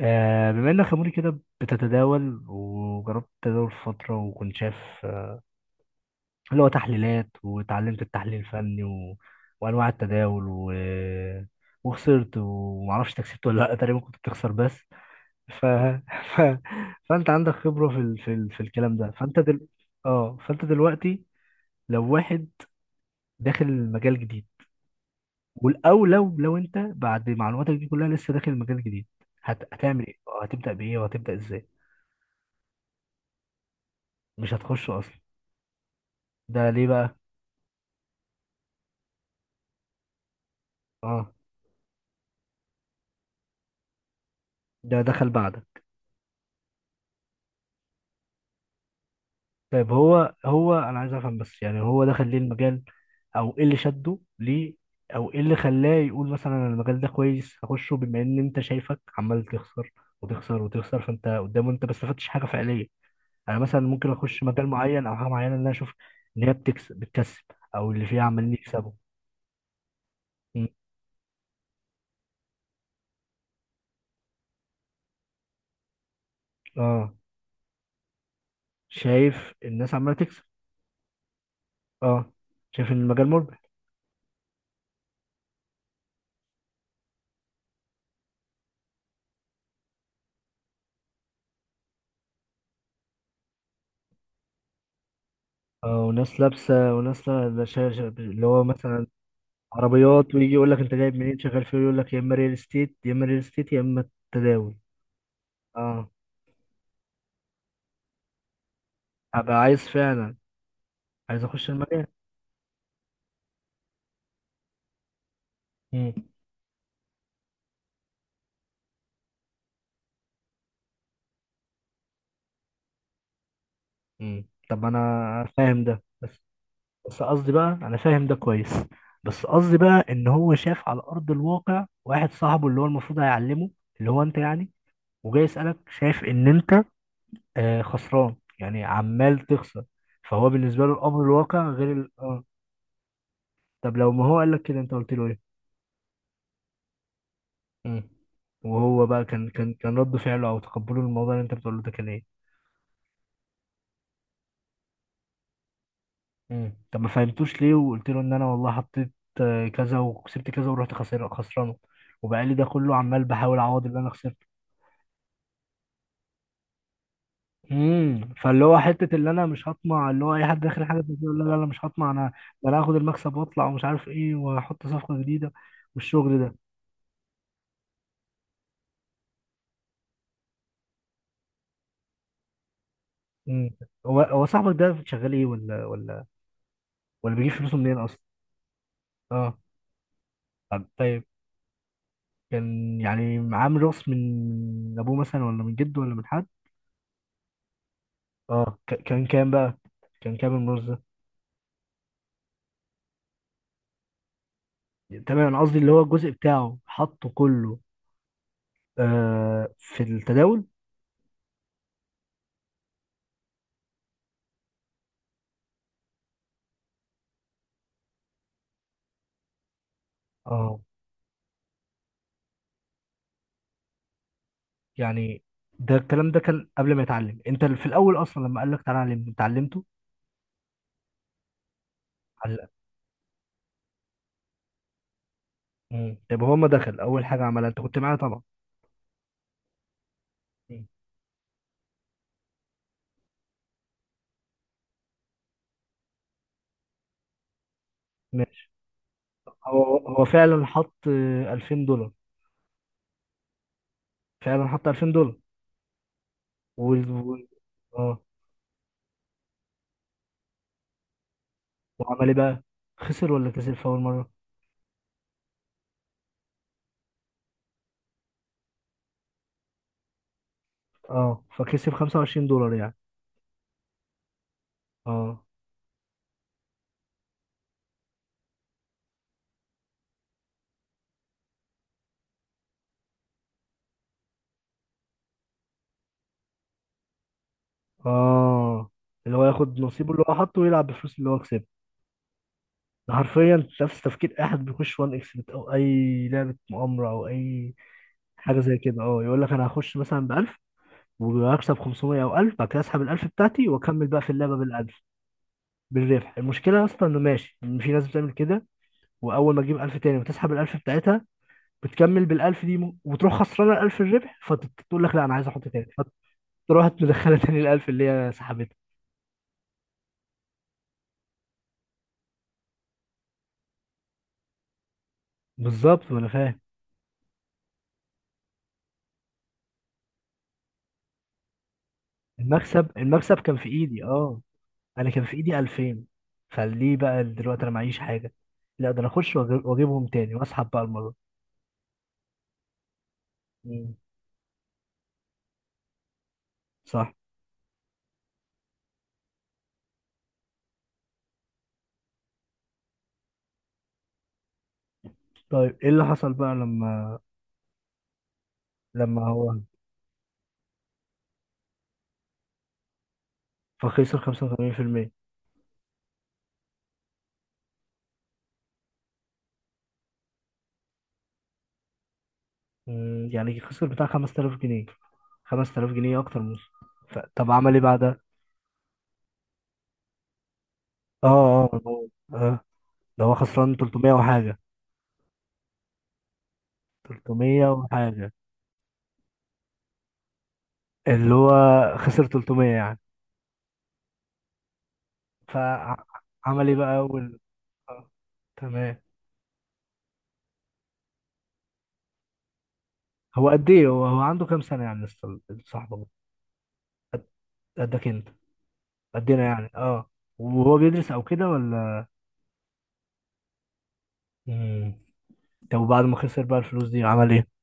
بما انك يا موري كده بتتداول وجربت التداول فترة وكنت شايف آه، اللي هو تحليلات واتعلمت التحليل الفني وانواع التداول وخسرت ومعرفش انت كسبت ولا لا، تقريبا كنت بتخسر بس. ف... ف... فانت عندك خبرة في الكلام ده، فانت دل... اه فانت دلوقتي لو واحد داخل مجال جديد، او لو انت بعد معلوماتك دي كلها لسه داخل مجال جديد، هتعمل ايه؟ هتبدأ بايه وهتبدأ ازاي؟ مش هتخش اصلا؟ ده ليه بقى؟ اه، ده دخل بعدك. طيب، هو انا عايز افهم بس، يعني هو دخل ليه المجال، او ايه اللي شده ليه، او ايه اللي خلاه يقول مثلا أنا المجال ده كويس هخشه، بما ان انت شايفك عمال تخسر وتخسر وتخسر، فانت قدامه انت ما استفدتش حاجه فعليه. انا مثلا ممكن اخش مجال معين او حاجه معينه ان انا اشوف ان هي بتكسب بتكسب، او اللي فيها عمالين يكسبوا. م. اه، شايف الناس عماله تكسب، اه، شايف ان المجال مربح، اه، وناس لابسه وناس لا- لا شا- شا- اللي هو مثلا عربيات، ويجي يقول لك انت جايب منين شغال فيه، يقول لك يا اما ريل استيت يا اما ريل استيت يا اما التداول. اه، ابقى عايز فعلا، عايز اخش المجال. امم. امم، طب انا فاهم ده، بس بس قصدي بقى انا فاهم ده كويس بس قصدي بقى ان هو شاف على ارض الواقع واحد صاحبه اللي هو المفروض هيعلمه، اللي هو انت يعني، وجاي يسالك شايف ان انت خسران، يعني عمال تخسر. فهو بالنسبه له الامر الواقع غير ال... اه طب لو ما هو قال لك كده، انت قلت له ايه؟ مم. وهو بقى كان رد فعله او تقبله للموضوع اللي انت بتقوله ده كان ايه؟ مم. طب ما فهمتوش ليه؟ وقلت له ان انا والله حطيت كذا وكسبت كذا ورحت خسر خسرانه، وبقى لي ده كله عمال بحاول اعوض اللي انا خسرته. مم. فاللي هو حته اللي انا مش هطمع، اللي هو اي حد داخل حاجه زي كده يقول لا لا لا، مش هطمع انا، ده انا هاخد المكسب واطلع ومش عارف ايه، واحط صفقه جديده والشغل ده. مم. هو صاحبك ده شغال ايه، ولا بيجيب فلوسه منين اصلا؟ اه. طب، كان يعني معاه ميراث من ابوه مثلا، ولا من جده، ولا من حد؟ اه، كان كام بقى؟ كان كام الميراث ده؟ تمام، انا قصدي اللي هو الجزء بتاعه حطه كله في التداول. اه يعني، ده الكلام ده كان قبل ما يتعلم انت في الاول اصلا لما قال لك تعالى علم؟ انت علمته؟ علق. مم. طب هو ما دخل اول حاجه عملها انت كنت معايا طبعا؟ مم. ماشي. هو فعلا حط $2000؟ فعلا حط $2000 و... و... اه. وعمل ايه بقى، خسر ولا كسب في اول مره؟ اه، فكسب $25 يعني. اه اه، اللي هو ياخد نصيبه اللي هو حطه ويلعب بفلوس اللي هو كسبها. ده حرفيا نفس تفكير اي حد بيخش وان اكس بت او اي لعبه مؤامره او اي حاجه زي كده. اه، يقول لك انا هخش مثلا ب 1000 وهكسب 500 او 1000، بعد كده اسحب ال 1000 بتاعتي واكمل بقى في اللعبه بال 1000. بالربح. المشكله اصلا انه ماشي، إن في ناس بتعمل كده، واول ما تجيب 1000 تاني وتسحب ال 1000 بتاعتها، بتكمل بال 1000 دي، وتروح خسرانه ال 1000 الربح، فتقول لك لا انا عايز احط تاني، فتروح مدخله تاني ال 1000 اللي هي سحبتها. بالظبط، ما انا فاهم. المكسب كان في ايدي، اه، انا كان في ايدي 2000، فليه بقى دلوقتي انا معيش حاجه؟ لا، ده انا اخش واجيبهم تاني واسحب بقى المره. مم. صح. طيب ايه اللي حصل بقى لما لما هو فخسر 85%؟ مم، يعني خسر بتاع 5000 جنيه، 5000 جنيه اكتر من. طب عمل ايه بعدها؟ اه اه هو- اه ده هو خسران 300 وحاجه، 300 وحاجه، اللي هو خسر 300 يعني. فعمل ايه بقى؟ آه. تمام. هو قد ايه، هو عنده كام سنة يعني لسه صاحبه ده؟ قدك انت؟ قدنا يعني، اه. وهو بيدرس او كده ولا؟ مم. طب وبعد ما خسر بقى الفلوس دي عمل ايه؟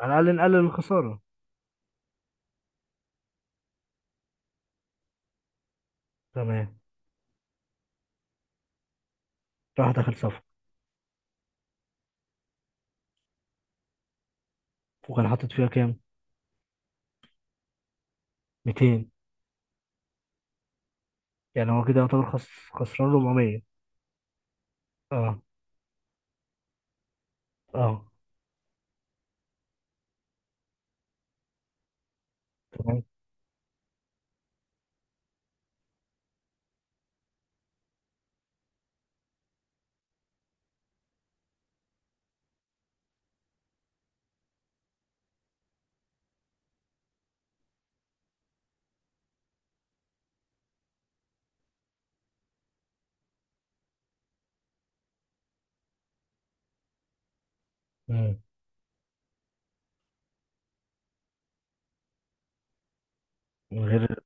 على الاقل نقلل الخسارة. تمام. راح داخل صفقة؟ وكان حاطط فيها كام؟ 200. يعني هو كده يعتبر خسران 400. اه اه. تمام. مم. من غير.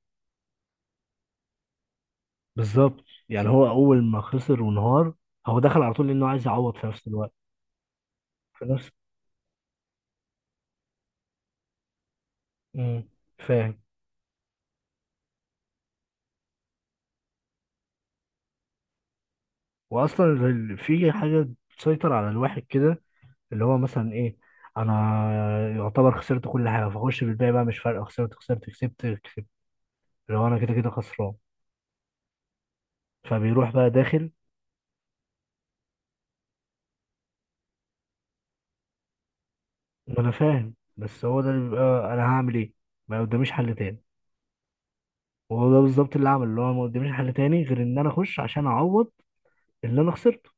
بالظبط، يعني هو اول ما خسر وانهار، هو دخل على طول لانه عايز يعوض في نفس الوقت. في نفس. مم. فاهم. واصلا في حاجه تسيطر على الواحد كده، اللي هو مثلا ايه، انا يعتبر خسرت كل حاجه، فاخش بالباقي بقى مش فارقه، خسرت خسرت كسبت كسبت، اللي هو انا كده كده خسران، فبيروح بقى داخل. ما انا فاهم، بس هو ده اللي بيبقى انا هعمل ايه؟ ما قداميش حل تاني. وهو ده بالظبط اللي عمل، اللي هو ما قداميش حل تاني غير ان انا اخش عشان اعوض اللي انا خسرته.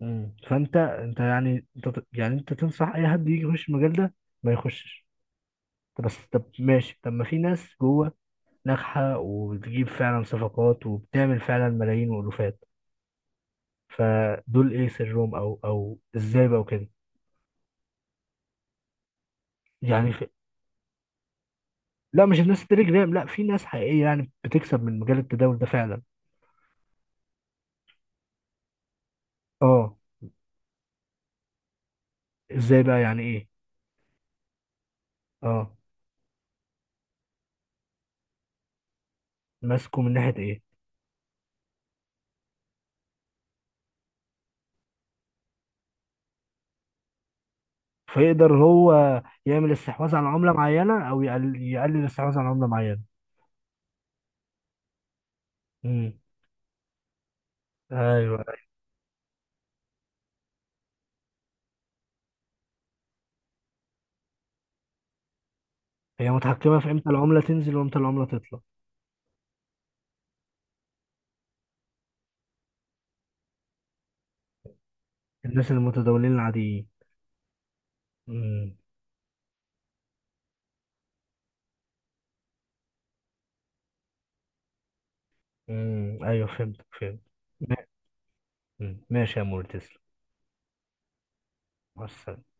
مم. فانت انت يعني انت ت- يعني انت تنصح اي حد يجي يخش المجال ده ما يخشش؟ طب بس، طب ماشي، طب ما في ناس جوه ناجحة وبتجيب فعلا صفقات وبتعمل فعلا ملايين وألوفات، فدول ايه سرهم؟ او ازاي بقى وكده؟ يعني في... لا مش الناس تري جرام، لا في ناس حقيقية يعني بتكسب من مجال التداول ده فعلا. اه. ازاي بقى، يعني ايه؟ اه. ماسكه من ناحية ايه؟ فيقدر هو يعمل استحواذ على عملة معينة، او يقلل الاستحواذ على عملة معينة. امم. ايوه، هي متحكمة في امتى العملة تنزل وامتى العملة تطلع. الناس المتداولين العاديين. امم. امم، ايوه، فهمت. مم. ماشي يا مور، تسلم. مع السلامة.